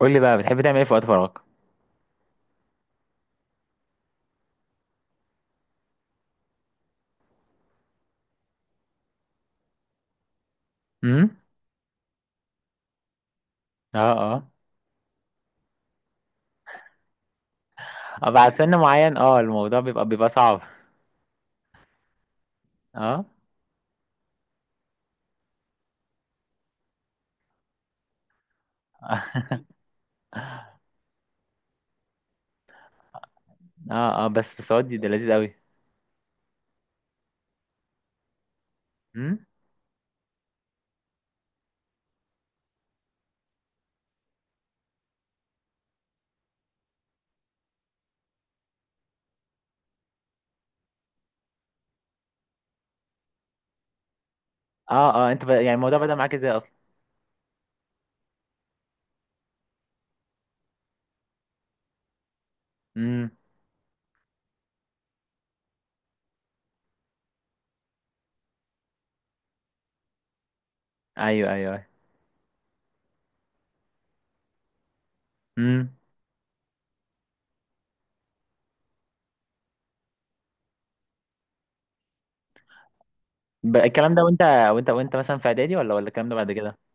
قول لي بقى بتحب تعمل ايه في وقت فراغك. امم اه اه آه، بعد سن معين اه الموضوع بيبقى صعب. اه اه اه بس ودي ده لذيذ قوي. امم اه اه انت يعني الموضوع بدأ معاك ازاي اصلا؟ امم ايوه ايوه أيوة. امم الكلام ده وانت وانت مثلا في اعدادي ولا الكلام ده بعد كده؟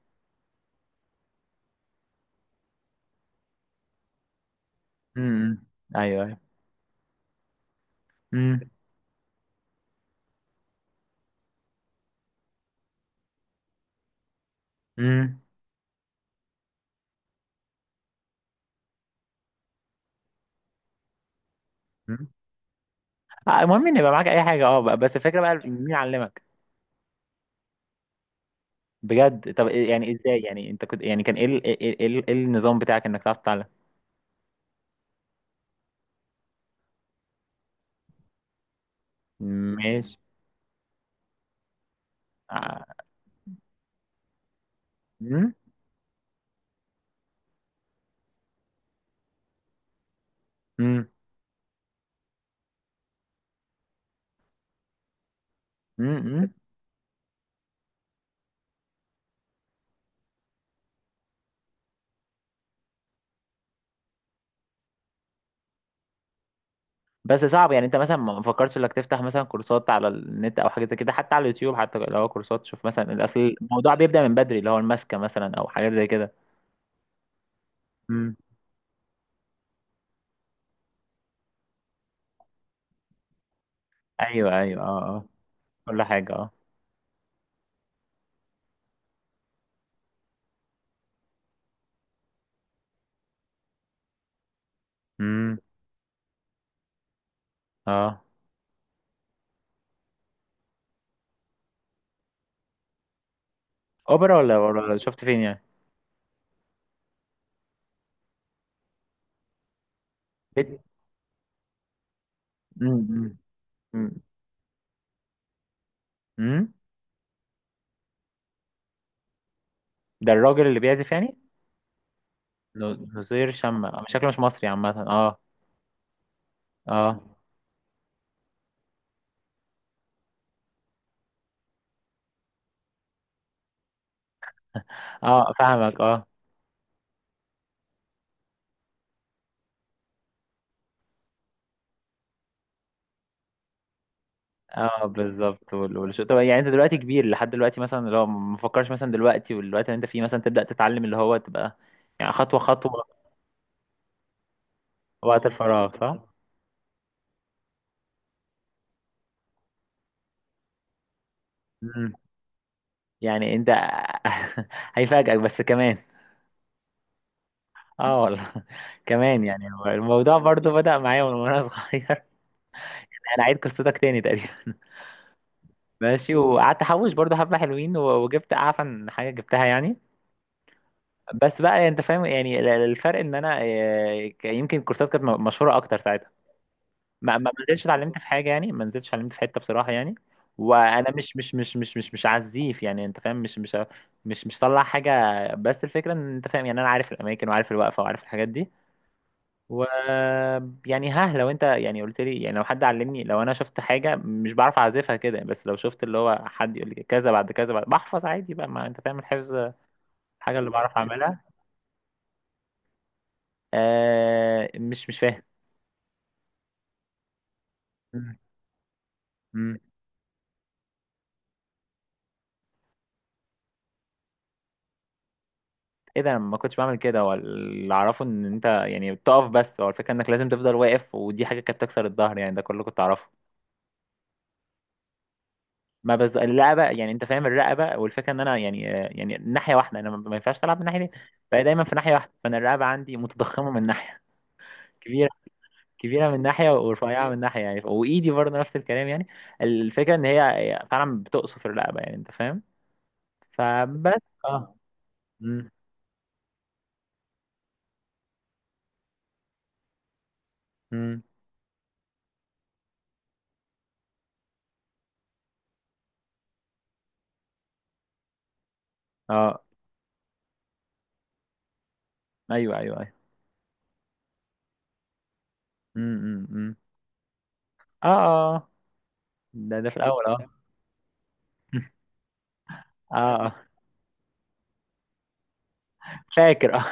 امم ايوه ايوه. امم امم أمم. آه، المهم ان يبقى معاك اي حاجه، اه بس الفكره بقى، مين علمك؟ بجد؟ طب يعني ازاي؟ يعني انت كنت يعني كان ايه ايه إيه النظام بتاعك انك تعرف تتعلم؟ ماشي. ع- مم؟ مم؟ مم؟ مم؟ بس صعب يعني. انت مثلا ما فكرتش انك تفتح مثلا كورسات على النت او حاجه زي كده، حتى على اليوتيوب، حتى لو هو كورسات. شوف مثلا الاصل، الموضوع بيبدا من بدري، اللي هو الماسكه مثلا او حاجات زي كده. مم. ايوه ايوه اه اه، كل حاجه اه. امم. اه اوبرا ولا شفت فين يعني؟ بيت. امم. امم. ده الراجل اللي بيعزف يعني؟ نظير شمع، آه، شكله مش مصري عامه اه. اه اه، فاهمك اه. اه بالظبط. طب يعني انت دلوقتي كبير لحد دلوقتي، مثلا لو ما فكرش مثلا دلوقتي والوقت اللي انت فيه مثلا، تبدأ تتعلم، اللي هو تبقى يعني خطوة خطوة. وقت الفراغ صح؟ مم. يعني انت هيفاجئك بس كمان. اه والله كمان، يعني هو الموضوع برضو بدأ معايا من وانا صغير. انا عيد قصتك تاني تقريبا. ماشي، وقعدت احوش برضو حبة حلوين، وجبت اعفن حاجة جبتها يعني. بس بقى انت فاهم يعني الفرق ان انا آه، يمكن الكورسات كانت مشهورة اكتر ساعتها. ما نزلتش اتعلمت في حاجه يعني، ما نزلتش اتعلمت في حته بصراحه يعني. وانا مش عزيف، يعني انت فاهم، مش طلع حاجه. بس الفكره ان انت فاهم يعني، انا عارف الاماكن وعارف الوقفه وعارف الحاجات دي. و يعني، ها لو انت يعني قلت لي، يعني لو حد علمني، لو انا شفت حاجه مش بعرف اعزفها كده، بس لو شفت اللي هو حد يقول لي كذا بعد كذا، بعد بحفظ عادي بقى، ما انت فاهم الحفظ حاجه اللي بعرف اعملها. آه مش فاهم. مم. ايه ده؟ انا ما كنتش بعمل كده، هو اللي اعرفه ان انت يعني بتقف، بس هو الفكره انك لازم تفضل واقف، ودي حاجه كانت تكسر الظهر يعني، ده كله كنت اعرفه. ما بز الرقبه يعني انت فاهم، الرقبه، والفكره ان انا يعني يعني ناحيه واحده، انا ما ما ينفعش العب من ناحيتين. فهي دايما في ناحيه واحده، فانا الرقبه عندي متضخمه من ناحيه، كبيره. كبيره من ناحيه ورفيعه من ناحيه يعني، وايدي برضه نفس الكلام يعني. الفكره ان هي فعلا بتقصف الرقبه، يعني انت فاهم. فبس اه. امم امم اه. ايوه ايوه ايوه. أمم. اه اه آه. ده ده في الاول اه. اه آه. فاكر اه.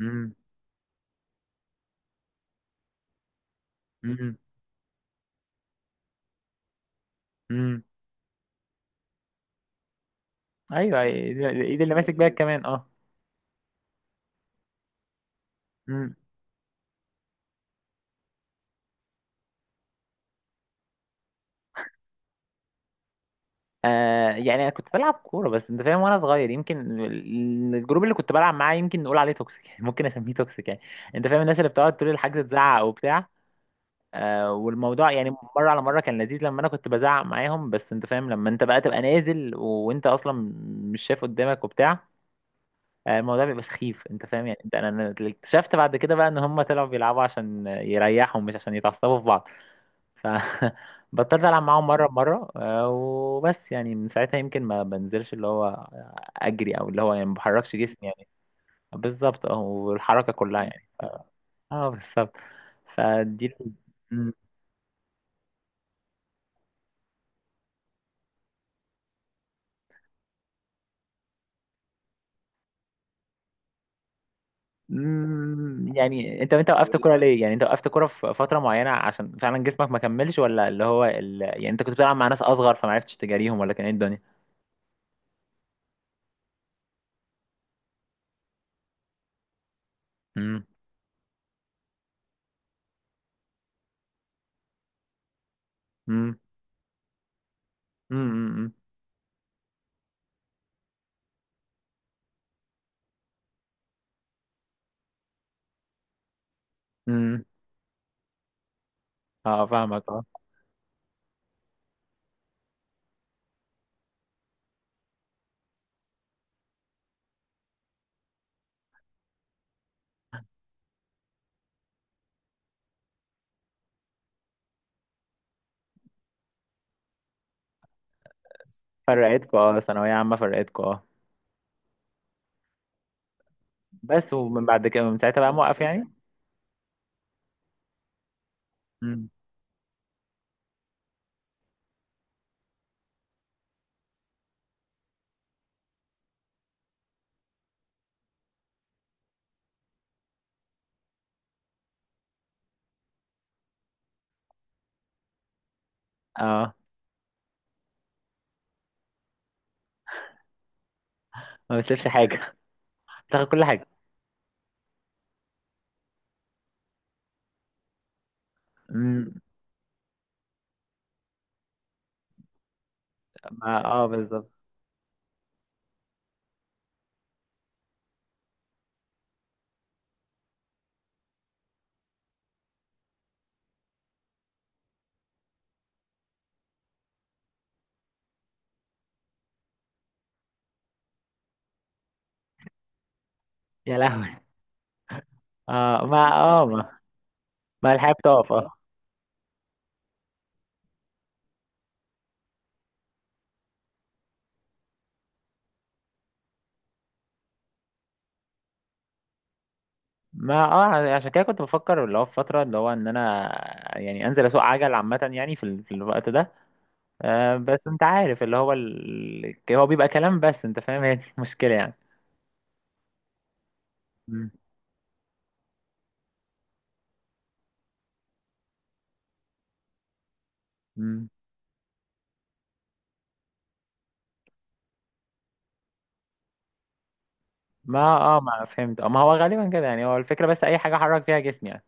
مم. مم. مم. ايوه، ايد اللي ماسك بيها كمان اه. مم. آه، يعني انا كنت بلعب كوره، بس انت فاهم وانا صغير يمكن الجروب اللي كنت بلعب معاه يمكن نقول عليه توكسيك يعني، ممكن اسميه توكسيك يعني. انت فاهم الناس اللي بتقعد طول الحجز تزعق وبتاع. آه والموضوع يعني مره على مره كان لذيذ لما انا كنت بزعق معاهم، بس انت فاهم لما انت بقى تبقى نازل وانت اصلا مش شايف قدامك وبتاع، آه، الموضوع بيبقى سخيف انت فاهم. يعني انت انا، أنا اكتشفت بعد كده بقى ان هم طلعوا بيلعبوا عشان يريحوا مش عشان يتعصبوا في بعض. ف بطلت العب معاهم مره بمره آه، وبس يعني من ساعتها يمكن ما بنزلش اللي هو اجري، او اللي هو يعني ما بحركش جسمي يعني. بالظبط اه، والحركه كلها يعني. اه بالظبط. فدي. مم. مم. يعني انت انت وقفت كوره ليه؟ يعني انت وقفت كوره في فتره معينه عشان فعلا جسمك ما كملش، ولا اللي هو يعني انت كنت بتلعب مع ناس اصغر فما عرفتش تجاريهم، ولا كان ايه الدنيا؟ امم. امم. امم اه، فاهمك اه. فرقتكم اه، ثانوية عامة فرقتكم اه. بس ومن بعد كده من ساعتها بقى موقف يعني. امم. اه، ما بتسيبش حاجة، بتاخد كل حاجة. امم. ما اه بالظبط. يا لهوي. اه ما اه ما، ما الحياة بتقف اه. ما اه، عشان كده كنت بفكر اللي هو في فترة اللي هو ان انا يعني انزل اسوق عجل عامة يعني في، في الوقت ده. آه بس انت عارف اللي هو ال... هو بيبقى كلام، بس انت فاهم هي دي المشكلة يعني. امم. ما اه ما فهمت اه، ما هو غالبا كده يعني، هو الفكرة بس اي حاجة احرك فيها جسمي يعني.